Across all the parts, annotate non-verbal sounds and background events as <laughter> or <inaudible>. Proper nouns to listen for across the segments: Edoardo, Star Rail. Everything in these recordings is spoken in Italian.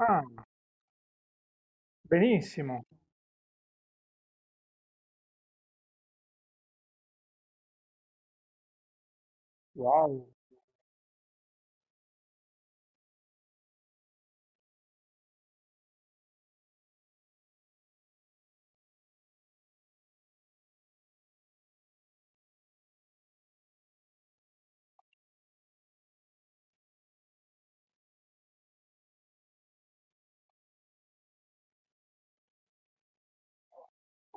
Ah, benissimo, wow,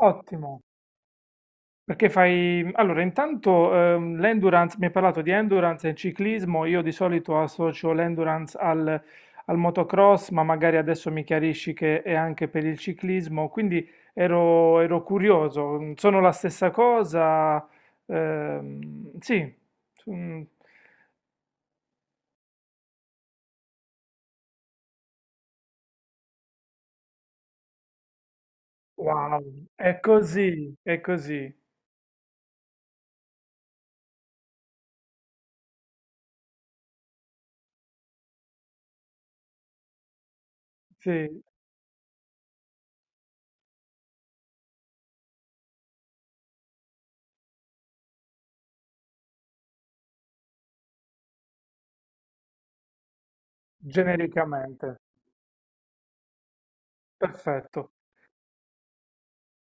ottimo. Allora, intanto l'endurance, mi hai parlato di endurance e ciclismo, io di solito associo l'endurance al motocross, ma magari adesso mi chiarisci che è anche per il ciclismo, quindi ero curioso, sono la stessa cosa? Sì, mm, wow, è così, sì, genericamente, perfetto.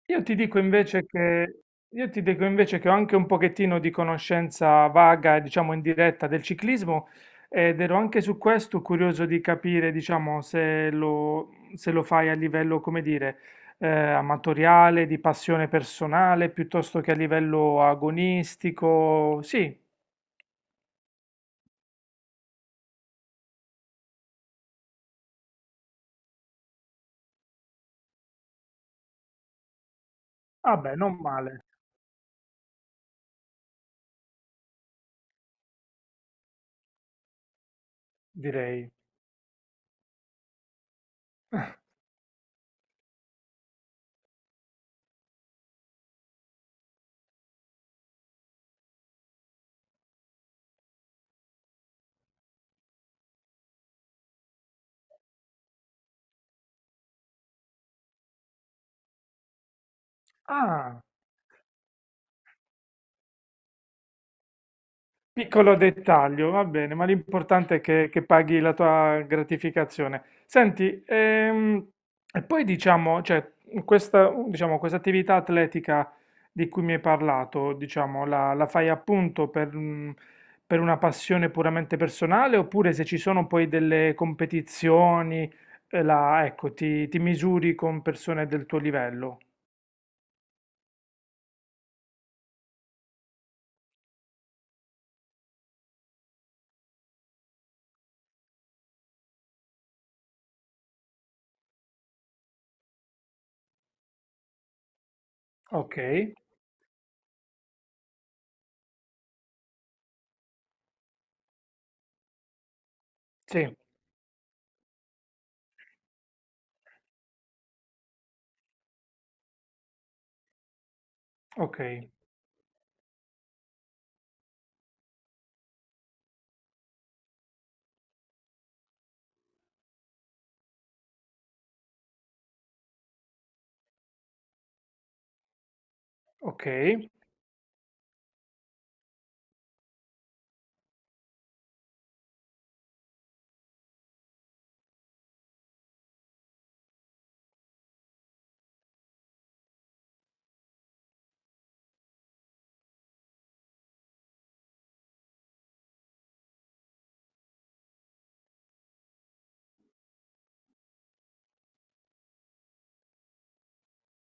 Io ti dico invece che, io ti dico invece che ho anche un pochettino di conoscenza vaga, diciamo indiretta, del ciclismo ed ero anche su questo curioso di capire, diciamo, se lo fai a livello, come dire, amatoriale, di passione personale, piuttosto che a livello agonistico. Sì, vabbè, non male, direi. Ah. Piccolo dettaglio, va bene, ma l'importante è che paghi la tua gratificazione. Senti, e poi diciamo, cioè, questa, diciamo, questa attività atletica di cui mi hai parlato, diciamo, la fai appunto per una passione puramente personale, oppure se ci sono poi delle competizioni, ecco, ti misuri con persone del tuo livello? Ok, sì, ok, ok,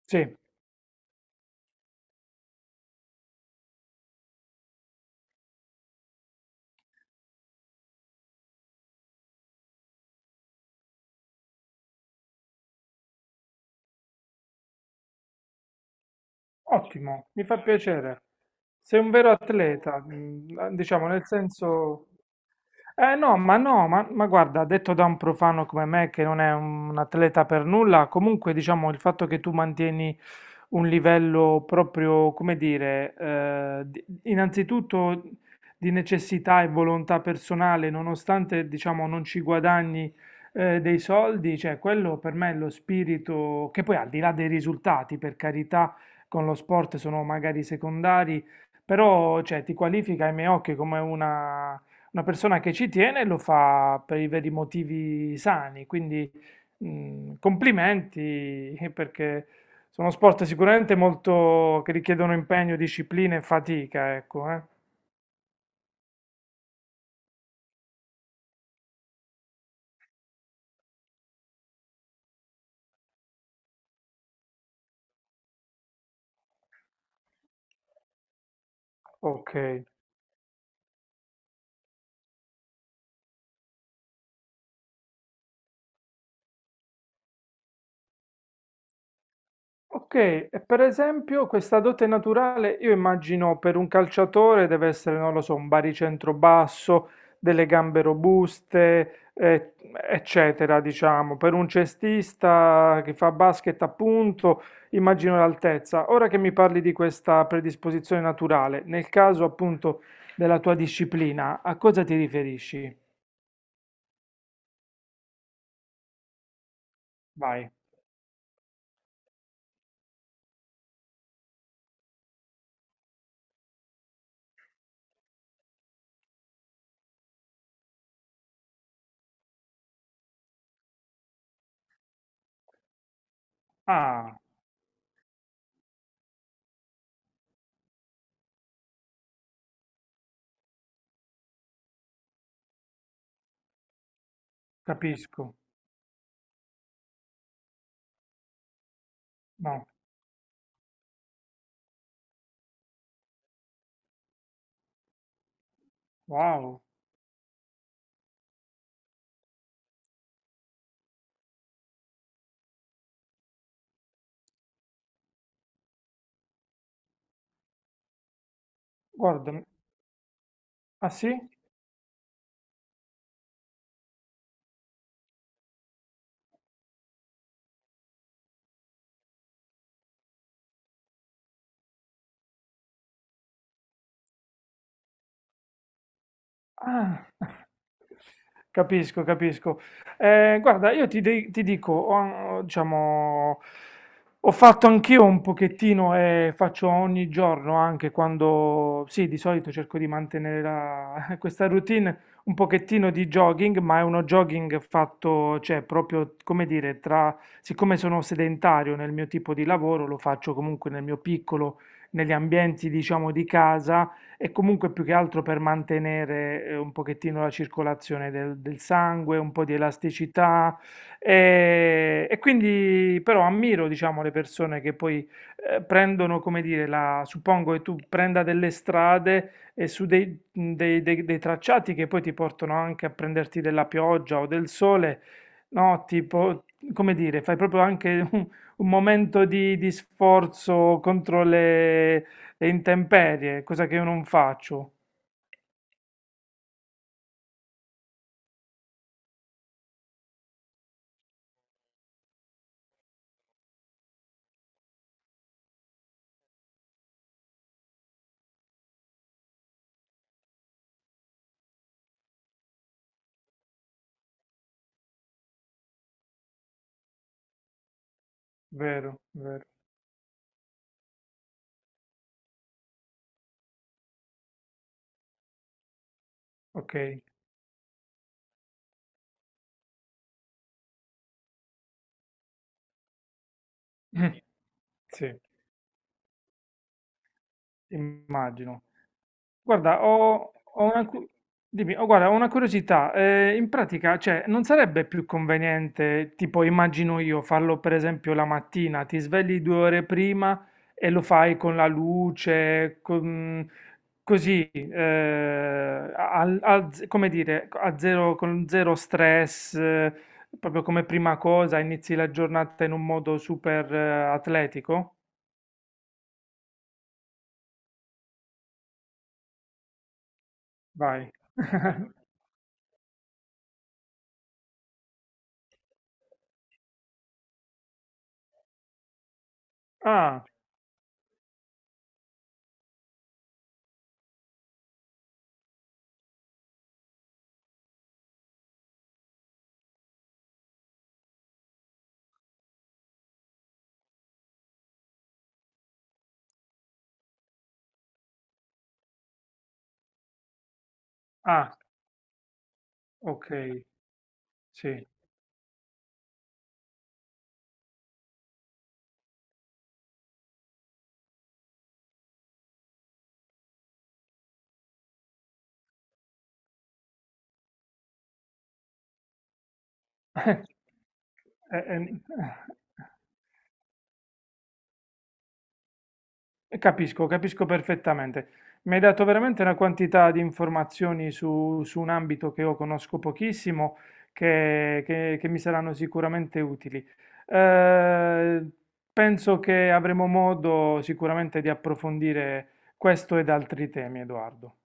sì. Ottimo, mi fa piacere. Sei un vero atleta, diciamo nel senso eh no, ma no, ma guarda, detto da un profano come me che non è un atleta per nulla, comunque diciamo il fatto che tu mantieni un livello proprio, come dire, innanzitutto di necessità e volontà personale, nonostante diciamo non ci guadagni dei soldi, cioè quello per me è lo spirito che poi al di là dei risultati, per carità, con lo sport sono magari secondari, però cioè, ti qualifica ai miei occhi come una persona che ci tiene lo fa per i veri motivi sani, quindi complimenti perché sono sport sicuramente molto che richiedono impegno, disciplina e fatica, ecco, eh. Ok. Ok, e per esempio questa dote naturale, io immagino per un calciatore deve essere, non lo so, un baricentro basso, delle gambe robuste, eccetera, diciamo. Per un cestista che fa basket, appunto, immagino l'altezza. Ora che mi parli di questa predisposizione naturale, nel caso appunto della tua disciplina, a cosa ti riferisci? Vai. Ah, capisco. No, wow. Guarda, ah sì? Ah. <laughs> Capisco, capisco. Guarda, ti dico, ho, diciamo, ho fatto anch'io un pochettino e faccio ogni giorno, anche quando, sì, di solito cerco di mantenere <laughs> questa routine, un pochettino di jogging, ma è uno jogging fatto, cioè, proprio, come dire, siccome sono sedentario nel mio tipo di lavoro, lo faccio comunque nel mio piccolo, negli ambienti, diciamo, di casa e comunque più che altro per mantenere un pochettino la circolazione del sangue, un po' di elasticità e quindi però ammiro, diciamo, le persone che poi prendono, come dire, suppongo che tu prenda delle strade e su dei tracciati che poi ti portano anche a prenderti della pioggia o del sole, no? Tipo, come dire, fai proprio anche <laughs> un momento di sforzo contro le intemperie, cosa che io non faccio, vero, vero, ok, <clears throat> sì, immagino. Guarda, dimmi, oh, guarda, ho una curiosità. In pratica, cioè, non sarebbe più conveniente, tipo, immagino io, farlo per esempio la mattina, ti svegli 2 ore prima e lo fai con la luce, così, come dire, a zero, con zero stress, proprio come prima cosa, inizi la giornata in un modo super, atletico? Vai. <laughs> Ah, ah, ok, sì. Eh, ehm, Capisco, capisco perfettamente. Mi hai dato veramente una quantità di informazioni su un ambito che io conosco pochissimo, che mi saranno sicuramente utili. Eh, Penso che avremo modo sicuramente di approfondire questo ed altri temi, Edoardo.